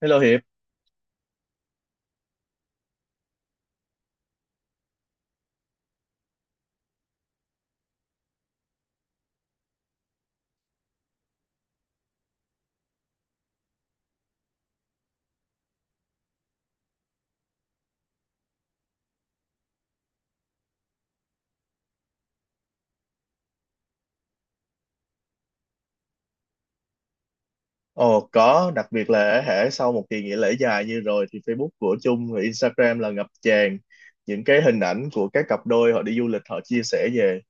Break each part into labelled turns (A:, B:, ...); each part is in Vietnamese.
A: Hello Hiệp, ồ có, đặc biệt là hễ sau một kỳ nghỉ lễ dài như rồi thì Facebook của Chung và Instagram là ngập tràn những cái hình ảnh của các cặp đôi họ đi du lịch họ chia sẻ về.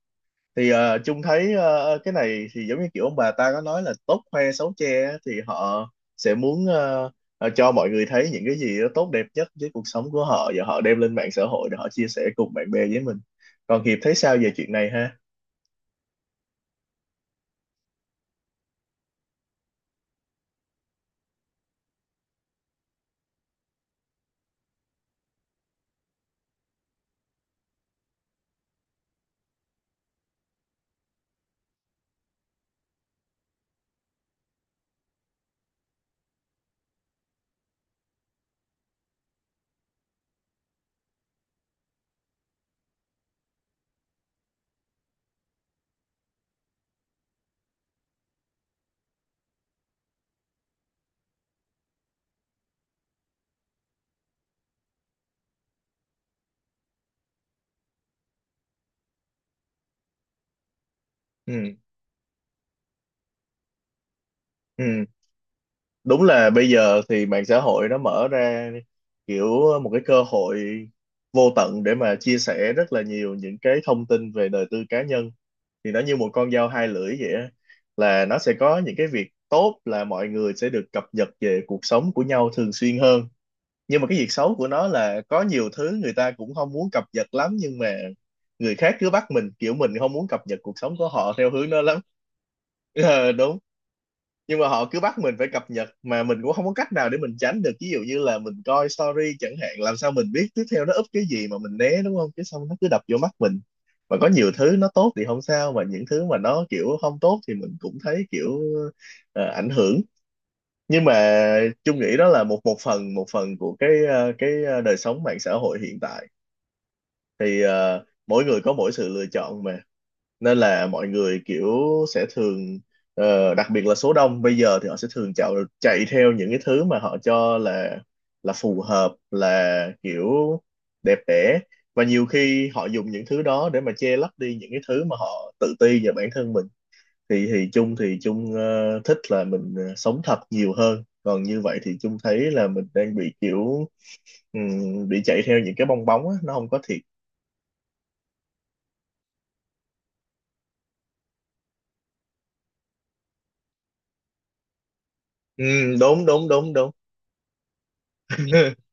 A: Thì Chung thấy cái này thì giống như kiểu ông bà ta có nói là tốt khoe xấu che á, thì họ sẽ muốn cho mọi người thấy những cái gì đó tốt đẹp nhất với cuộc sống của họ và họ đem lên mạng xã hội để họ chia sẻ cùng bạn bè với mình. Còn Hiệp thấy sao về chuyện này ha? Ừ, ừ. Đúng là bây giờ thì mạng xã hội nó mở ra kiểu một cái cơ hội vô tận để mà chia sẻ rất là nhiều những cái thông tin về đời tư cá nhân, thì nó như một con dao hai lưỡi vậy á. Là nó sẽ có những cái việc tốt là mọi người sẽ được cập nhật về cuộc sống của nhau thường xuyên hơn, nhưng mà cái việc xấu của nó là có nhiều thứ người ta cũng không muốn cập nhật lắm, nhưng mà người khác cứ bắt mình, kiểu mình không muốn cập nhật cuộc sống của họ theo hướng đó lắm. Ờ, đúng, nhưng mà họ cứ bắt mình phải cập nhật mà mình cũng không có cách nào để mình tránh được, ví dụ như là mình coi story chẳng hạn, làm sao mình biết tiếp theo nó up cái gì mà mình né đúng không, chứ xong nó cứ đập vô mắt mình. Và có nhiều thứ nó tốt thì không sao, mà những thứ mà nó kiểu không tốt thì mình cũng thấy kiểu ảnh hưởng. Nhưng mà chung nghĩ đó là một một phần của cái cái đời sống mạng xã hội hiện tại, thì mỗi người có mỗi sự lựa chọn mà, nên là mọi người kiểu sẽ thường đặc biệt là số đông bây giờ thì họ sẽ thường chạy chạy theo những cái thứ mà họ cho là phù hợp, là kiểu đẹp đẽ, và nhiều khi họ dùng những thứ đó để mà che lấp đi những cái thứ mà họ tự ti về bản thân mình. Thì Chung, thì Chung thích là mình sống thật nhiều hơn, còn như vậy thì Chung thấy là mình đang bị kiểu bị chạy theo những cái bong bóng á, nó không có thiệt. Ừ, đúng đúng đúng đúng.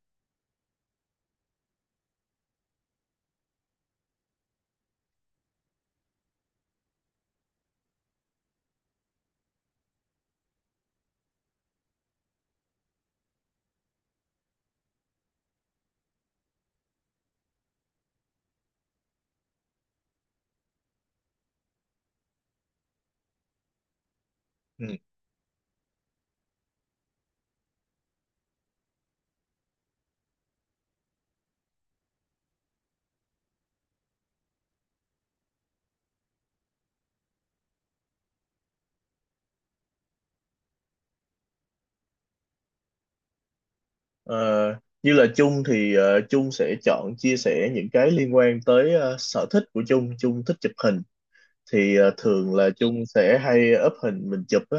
A: Ừ. Ờ, như là Chung thì Chung sẽ chọn chia sẻ những cái liên quan tới sở thích của Chung. Chung thích chụp hình, thì thường là Chung sẽ hay up hình mình chụp á.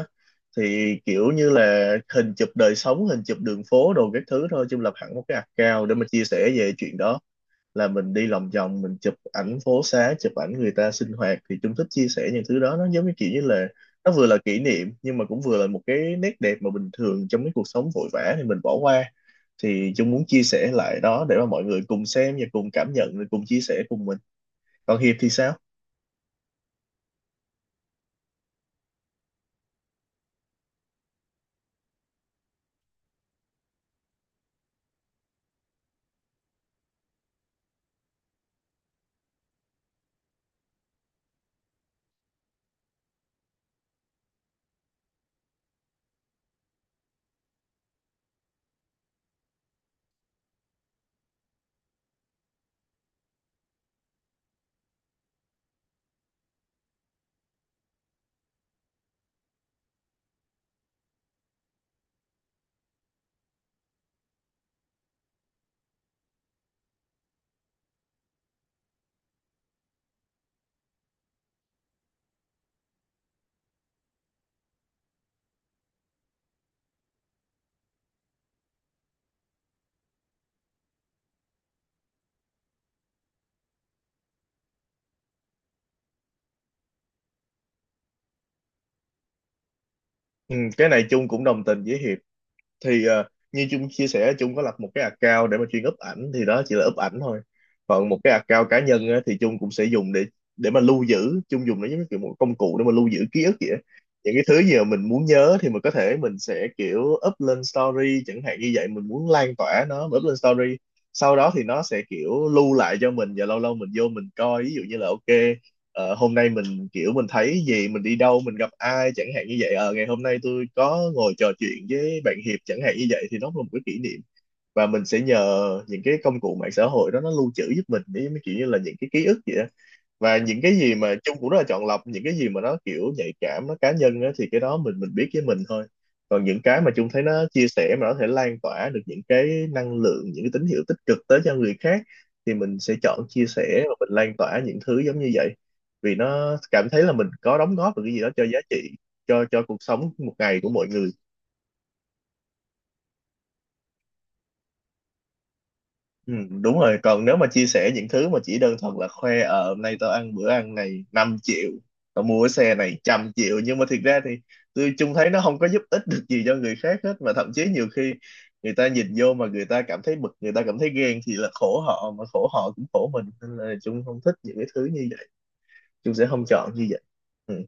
A: Thì kiểu như là hình chụp đời sống, hình chụp đường phố đồ các thứ thôi. Chung lập hẳn một cái account để mà chia sẻ về chuyện đó. Là mình đi lòng vòng, mình chụp ảnh phố xá, chụp ảnh người ta sinh hoạt. Thì Chung thích chia sẻ những thứ đó. Nó giống như kiểu như là nó vừa là kỷ niệm, nhưng mà cũng vừa là một cái nét đẹp mà bình thường trong cái cuộc sống vội vã thì mình bỏ qua, thì Dung muốn chia sẻ lại đó để mà mọi người cùng xem và cùng cảm nhận rồi cùng chia sẻ cùng mình. Còn Hiệp thì sao? Ừ, cái này Chung cũng đồng tình với Hiệp. Thì như Trung chia sẻ, Trung có lập một cái account để mà chuyên up ảnh, thì đó chỉ là up ảnh thôi. Còn một cái account cá nhân á, thì Trung cũng sẽ dùng để mà lưu giữ, Trung dùng nó giống như kiểu một công cụ để mà lưu giữ ký ức vậy á. Những cái thứ gì mà mình muốn nhớ thì mình có thể mình sẽ kiểu up lên story chẳng hạn, như vậy mình muốn lan tỏa nó mình up lên story, sau đó thì nó sẽ kiểu lưu lại cho mình và lâu lâu mình vô mình coi, ví dụ như là ok, hôm nay mình kiểu mình thấy gì, mình đi đâu, mình gặp ai chẳng hạn, như vậy ngày hôm nay tôi có ngồi trò chuyện với bạn Hiệp chẳng hạn, như vậy thì nó là một cái kỷ niệm, và mình sẽ nhờ những cái công cụ mạng xã hội đó nó lưu trữ giúp mình với mấy kiểu như là những cái ký ức vậy đó. Và những cái gì mà Chung cũng rất là chọn lọc, những cái gì mà nó kiểu nhạy cảm nó cá nhân á, thì cái đó mình biết với mình thôi. Còn những cái mà Chung thấy nó chia sẻ mà nó có thể lan tỏa được những cái năng lượng, những cái tín hiệu tích cực tới cho người khác, thì mình sẽ chọn chia sẻ và mình lan tỏa những thứ giống như vậy. Vì nó cảm thấy là mình có đóng góp được cái gì đó cho giá trị cho cuộc sống một ngày của mọi người. Ừ, đúng rồi, còn nếu mà chia sẻ những thứ mà chỉ đơn thuần là khoe, ờ hôm nay tao ăn bữa ăn này 5 triệu, tao mua cái xe này 100 triệu, nhưng mà thiệt ra thì tôi chung thấy nó không có giúp ích được gì cho người khác hết, mà thậm chí nhiều khi người ta nhìn vô mà người ta cảm thấy bực, người ta cảm thấy ghen, thì là khổ họ, mà khổ họ cũng khổ mình, nên là chung không thích những cái thứ như vậy. Chung sẽ không chọn như vậy. Ừ.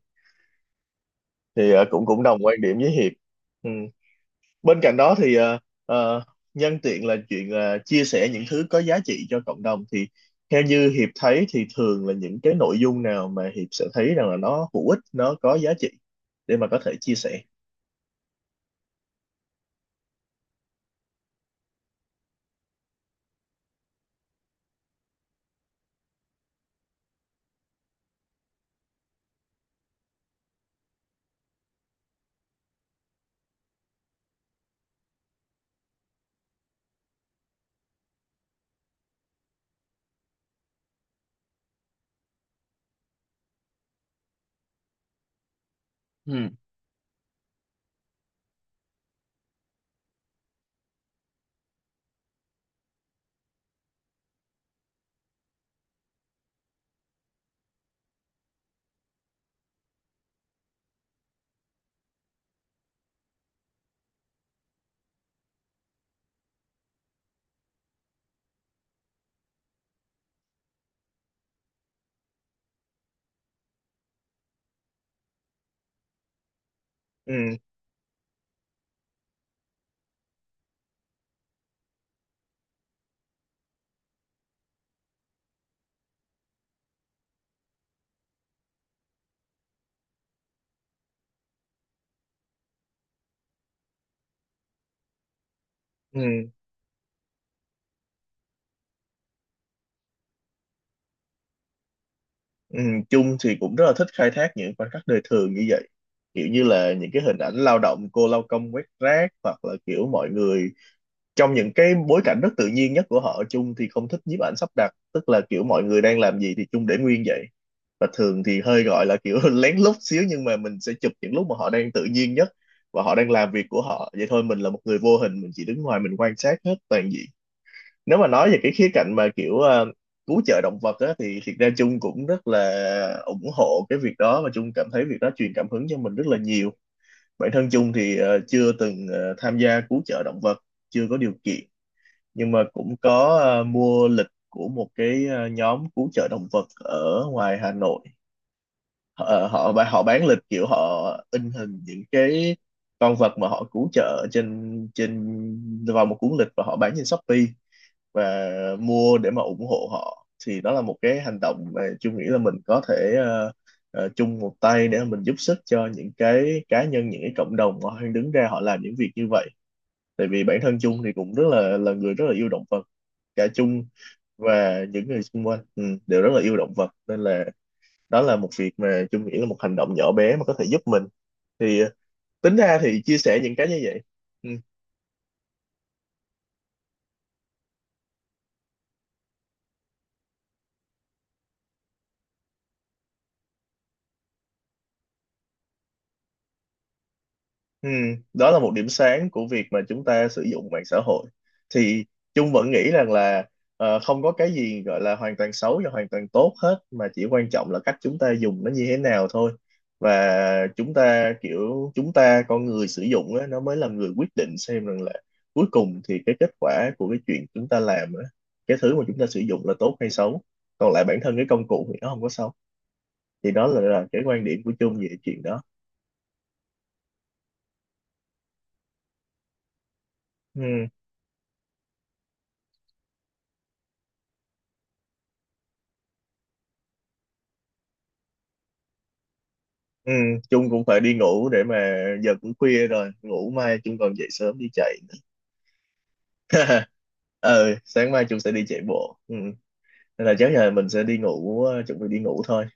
A: Thì cũng cũng đồng quan điểm với Hiệp. Ừ, bên cạnh đó thì ờ, nhân tiện là chuyện chia sẻ những thứ có giá trị cho cộng đồng, thì theo như Hiệp thấy thì thường là những cái nội dung nào mà Hiệp sẽ thấy rằng là nó hữu ích, nó có giá trị để mà có thể chia sẻ? Ừ. Ừ, ừ, ừ. Chung thì cũng rất là thích khai thác những khoảnh khắc đời thường như vậy, kiểu như là những cái hình ảnh lao động, cô lao công quét rác, hoặc là kiểu mọi người trong những cái bối cảnh rất tự nhiên nhất của họ. Chung thì không thích nhiếp ảnh sắp đặt, tức là kiểu mọi người đang làm gì thì Chung để nguyên vậy, và thường thì hơi gọi là kiểu lén lút xíu, nhưng mà mình sẽ chụp những lúc mà họ đang tự nhiên nhất và họ đang làm việc của họ vậy thôi. Mình là một người vô hình, mình chỉ đứng ngoài mình quan sát hết toàn diện. Nếu mà nói về cái khía cạnh mà kiểu cứu trợ động vật á, thì thiệt ra Chung cũng rất là ủng hộ cái việc đó, và Chung cảm thấy việc đó truyền cảm hứng cho mình rất là nhiều. Bản thân Chung thì chưa từng tham gia cứu trợ động vật, chưa có điều kiện, nhưng mà cũng có mua lịch của một cái nhóm cứu trợ động vật ở ngoài Hà Nội. Họ họ bán, họ bán lịch kiểu họ in hình những cái con vật mà họ cứu trợ trên trên vào một cuốn lịch và họ bán trên Shopee. Và mua để mà ủng hộ họ, thì đó là một cái hành động mà chung nghĩ là mình có thể chung một tay để mà mình giúp sức cho những cái cá nhân, những cái cộng đồng mà họ đang đứng ra họ làm những việc như vậy. Tại vì bản thân chung thì cũng rất là người rất là yêu động vật, cả chung và những người xung quanh ừ, đều rất là yêu động vật, nên là đó là một việc mà Chung nghĩ là một hành động nhỏ bé mà có thể giúp mình. Thì tính ra thì chia sẻ những cái như vậy. Ừ. Ừ, đó là một điểm sáng của việc mà chúng ta sử dụng mạng xã hội. Thì Chung vẫn nghĩ rằng là không có cái gì gọi là hoàn toàn xấu và hoàn toàn tốt hết, mà chỉ quan trọng là cách chúng ta dùng nó như thế nào thôi. Và chúng ta kiểu chúng ta con người sử dụng á, nó mới là người quyết định xem rằng là cuối cùng thì cái kết quả của cái chuyện chúng ta làm á, cái thứ mà chúng ta sử dụng là tốt hay xấu. Còn lại bản thân cái công cụ thì nó không có xấu. Thì đó là cái quan điểm của Chung về chuyện đó. Ừ. Ừ, Trung cũng phải đi ngủ để mà giờ cũng khuya rồi, ngủ mai chung còn dậy sớm đi chạy nữa. Ờ sáng mai chung sẽ đi chạy bộ ừ. Nên là chắc là mình sẽ đi ngủ, chuẩn bị đi ngủ thôi